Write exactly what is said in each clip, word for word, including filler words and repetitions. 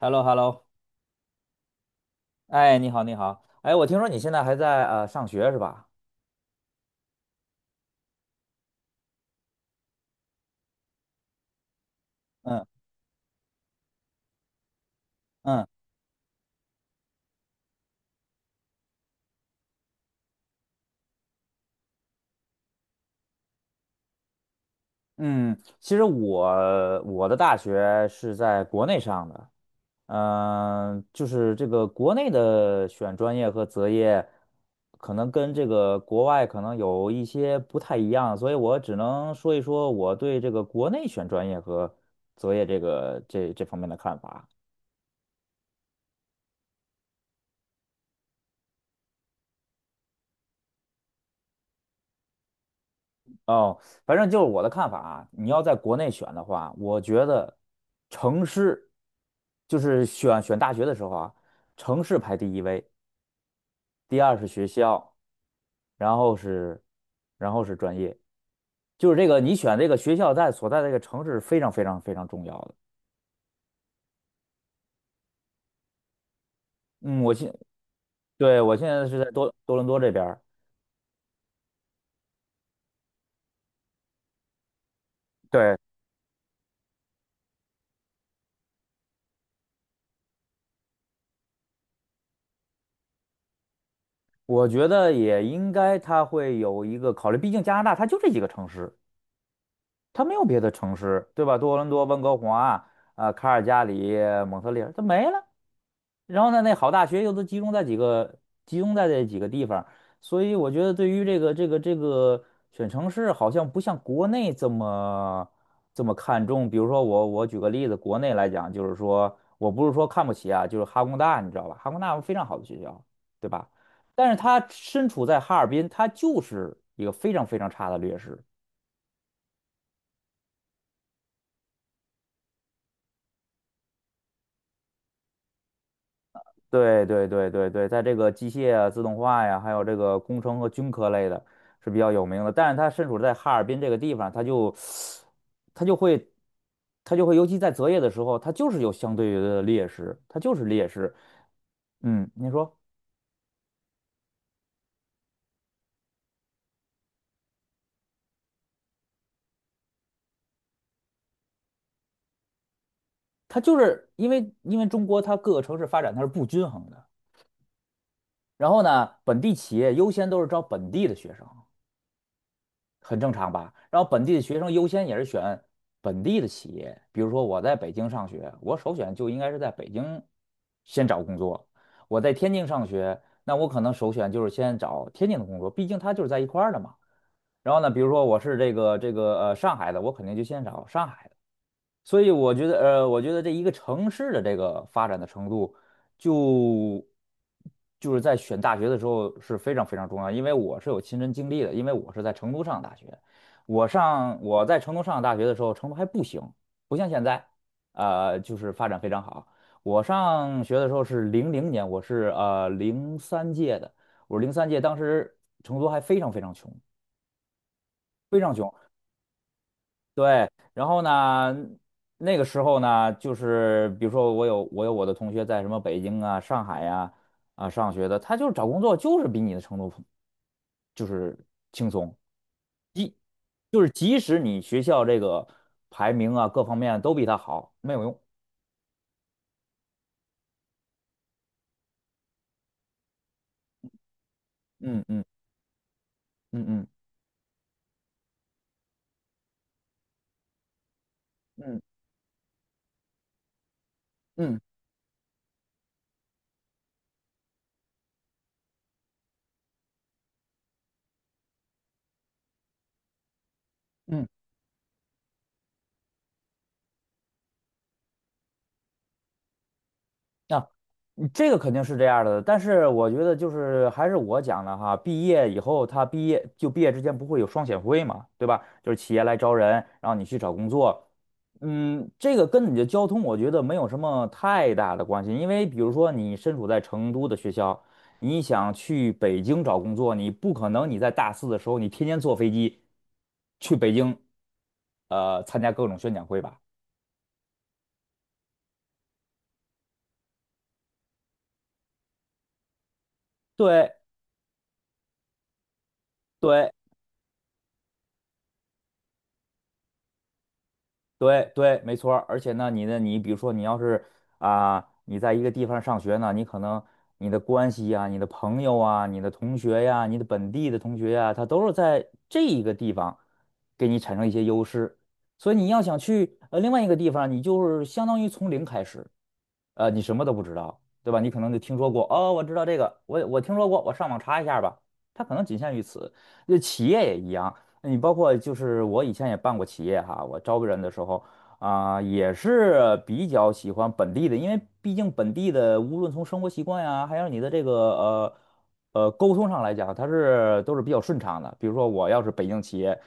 h e l l o h e l l o 哎，你好，你好，哎，我听说你现在还在呃上学是吧？嗯嗯嗯，其实我我的大学是在国内上的，嗯、就是这个国内的选专业和择业，可能跟这个国外可能有一些不太一样，所以我只能说一说我对这个国内选专业和择业这个这这方面的看法。哦，反正就是我的看法啊，你要在国内选的话，我觉得城市就是选选大学的时候啊，城市排第一位，第二是学校，然后是然后是专业，就是这个你选这个学校在所在的这个城市非常非常非常重要的。嗯，我现对，我现在是在多多伦多这边儿。对，我觉得也应该他会有一个考虑，毕竟加拿大它就这几个城市。它没有别的城市，对吧？多伦多、温哥华、啊、呃卡尔加里、蒙特利尔，它没了。然后呢，那好大学又都集中在几个，集中在这几个地方，所以我觉得对于这个这个这个选城市，好像不像国内这么这么看重。比如说我我举个例子，国内来讲，就是说我不是说看不起啊，就是哈工大，你知道吧？哈工大非常好的学校，对吧？但是它身处在哈尔滨，它就是一个非常非常差的劣势。对对对对对，在这个机械啊、自动化呀，还有这个工程和军科类的是比较有名的。但是它身处在哈尔滨这个地方，它就它就会它就会，尤其在择业的时候，它就是有相对的劣势，它就是劣势。嗯，你说，它就是因为因为中国它各个城市发展它是不均衡的。然后呢，本地企业优先都是招本地的学生。很正常吧？然后本地的学生优先也是选本地的企业，比如说我在北京上学，我首选就应该是在北京先找工作；我在天津上学，那我可能首选就是先找天津的工作，毕竟它就是在一块儿的嘛。然后呢，比如说我是这个这个呃上海的，我肯定就先找上海的。所以我觉得，呃，我觉得这一个城市的这个发展的程度就，就是在选大学的时候是非常非常重要。因为我是有亲身经历的，因为我是在成都上大学，我上我在成都上大学的时候，成都还不行，不像现在，呃，就是发展非常好。我上学的时候是零零年，我是呃零三届的，我是零三届，当时成都还非常非常穷，非常穷。对。然后呢，那个时候呢，就是比如说我有我有我的同学在什么北京啊、上海呀啊，上学的，他就是找工作就是比你的程度就是轻松，即就是即使你学校这个排名啊各方面都比他好，没有用。嗯嗯嗯嗯嗯嗯嗯。那、啊嗯这个肯定是这样儿的，但是我觉得就是还是我讲的哈，毕业以后他毕业就毕业之前不会有双选会嘛，对吧？就是企业来招人，然后你去找工作，嗯，这个跟你的交通我觉得没有什么太大的关系，因为比如说你身处在成都的学校，你想去北京找工作，你不可能你在大四的时候你天天坐飞机去北京，呃，参加各种宣讲会吧。对对，对对，没错儿。而且呢，你的你比如说，你要是啊、你在一个地方上学呢，你可能你的关系呀、你的朋友啊、你的同学呀、你的本地的同学呀、他都是在这一个地方给你产生一些优势。所以你要想去呃另外一个地方，你就是相当于从零开始。呃，你什么都不知道，对吧？你可能就听说过，哦，我知道这个，我我听说过，我上网查一下吧。它可能仅限于此。那企业也一样，你包括就是我以前也办过企业哈，我招人的时候啊，也是比较喜欢本地的，因为毕竟本地的无论从生活习惯呀，还有你的这个呃呃沟通上来讲，它是都是比较顺畅的。比如说我要是北京企业，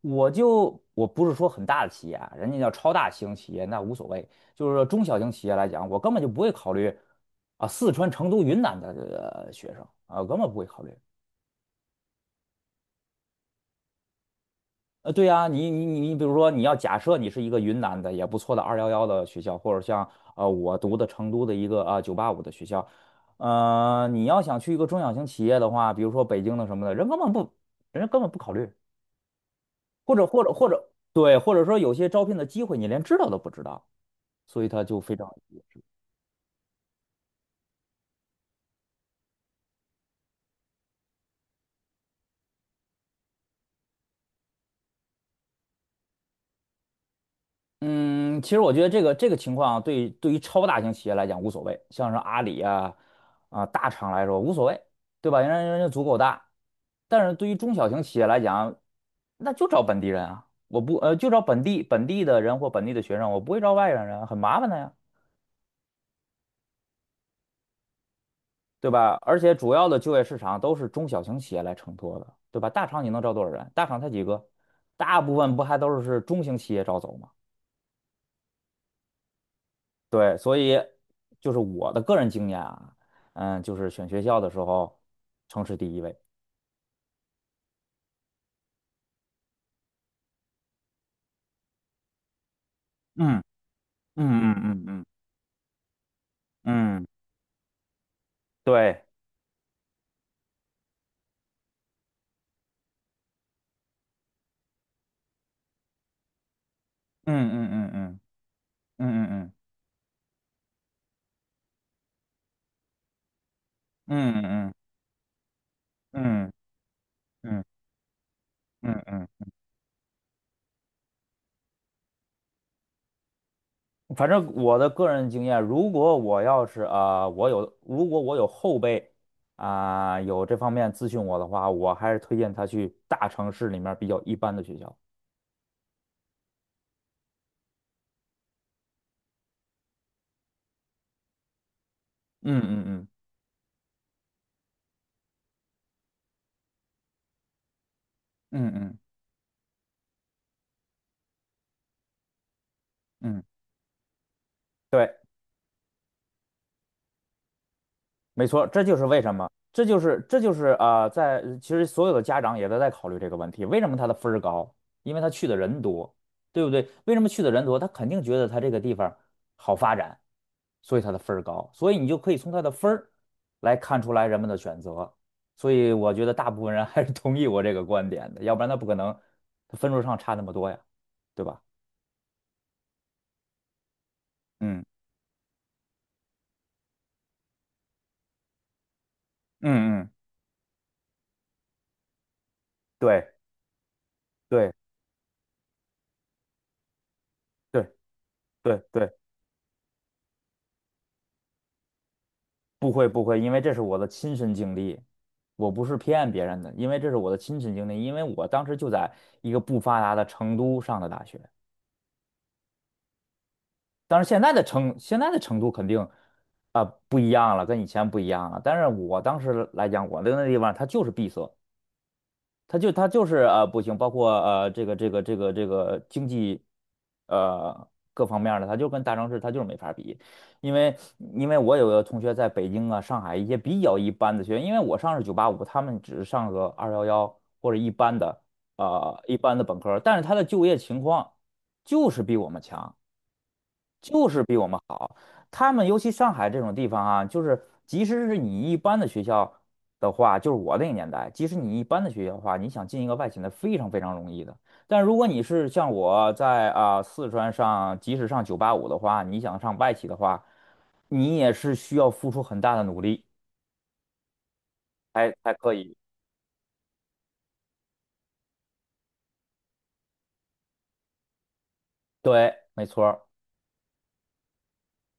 我就我不是说很大的企业啊，人家叫超大型企业那无所谓。就是说中小型企业来讲，我根本就不会考虑啊四川、成都、云南的呃学生啊，根本不会考虑。呃，对呀，你你你，你比如说你要假设你是一个云南的也不错的二幺幺的学校，或者像呃我读的成都的一个啊九八五的学校，呃，你要想去一个中小型企业的话，比如说北京的什么的，人根本不，人家根本不考虑，或者或者或者对，或者说有些招聘的机会你连知道都不知道，所以他就非常。嗯，其实我觉得这个这个情况对对于超大型企业来讲无所谓，像是阿里啊啊、大厂来说无所谓，对吧？人家人家足够大，但是对于中小型企业来讲，那就找本地人啊，我不呃就找本地本地的人或本地的学生，我不会招外来人啊，很麻烦的呀，对吧？而且主要的就业市场都是中小型企业来承托的，对吧？大厂你能招多少人？大厂才几个，大部分不还都是中型企业招走吗？对，所以就是我的个人经验啊，嗯，就是选学校的时候，城市第一位。嗯嗯嗯嗯嗯嗯，对，嗯嗯嗯嗯嗯嗯嗯嗯嗯嗯嗯嗯，反正我的个人经验，如果我要是啊、呃我有如果我有后辈啊、有这方面咨询我的话，我还是推荐他去大城市里面比较一般的学校。嗯嗯嗯嗯嗯嗯对。没错，这就是为什么，这就是这就是啊、呃在其实所有的家长也都在考虑这个问题，为什么他的分儿高？因为他去的人多，对不对？为什么去的人多？他肯定觉得他这个地方好发展，所以他的分儿高，所以你就可以从他的分儿来看出来人们的选择。所以我觉得大部分人 还是同意我这个观点的，要不然他不可能他分数上差那么多呀，对吧？嗯嗯嗯，对对对对对。不会不会，因为这是我的亲身经历，我不是骗别人的，因为这是我的亲身经历，因为我当时就在一个不发达的成都上的大学，当然现在的成现在的成都肯定啊、不一样了，跟以前不一样了，但是我当时来讲，我那个地方它就是闭塞，他就他就是呃不行，包括呃这个这个这个这个经济呃各方面儿的，他就跟大城市他就是没法比，因为因为我有个同学在北京啊、上海一些比较一般的学院，因为我上是九八五，他们只是上个二幺幺或者一般的呃一般的本科儿但是他的就业情况就是比我们强。就是比我们好。他们尤其上海这种地方啊，就是即使是你一般的学校的话，就是我那个年代，即使你一般的学校的话，你想进一个外企那非常非常容易的。但如果你是像我在啊、四川上，即使上九八五的话，你想上外企的话，你也是需要付出很大的努力才才可以。对，没错儿。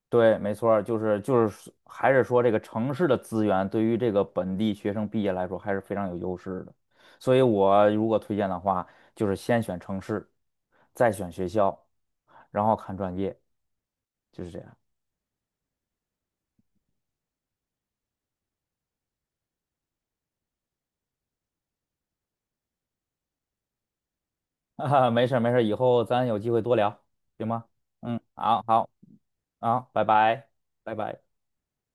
对，没错儿就是就是还是说这个城市的资源对于这个本地学生毕业来说还是非常有优势的，所以我如果推荐的话，就是先选城市，再选学校，然后看专业，就是这样。啊，没事儿没事儿以后咱有机会多聊，行吗？嗯，好好好，拜拜，拜拜。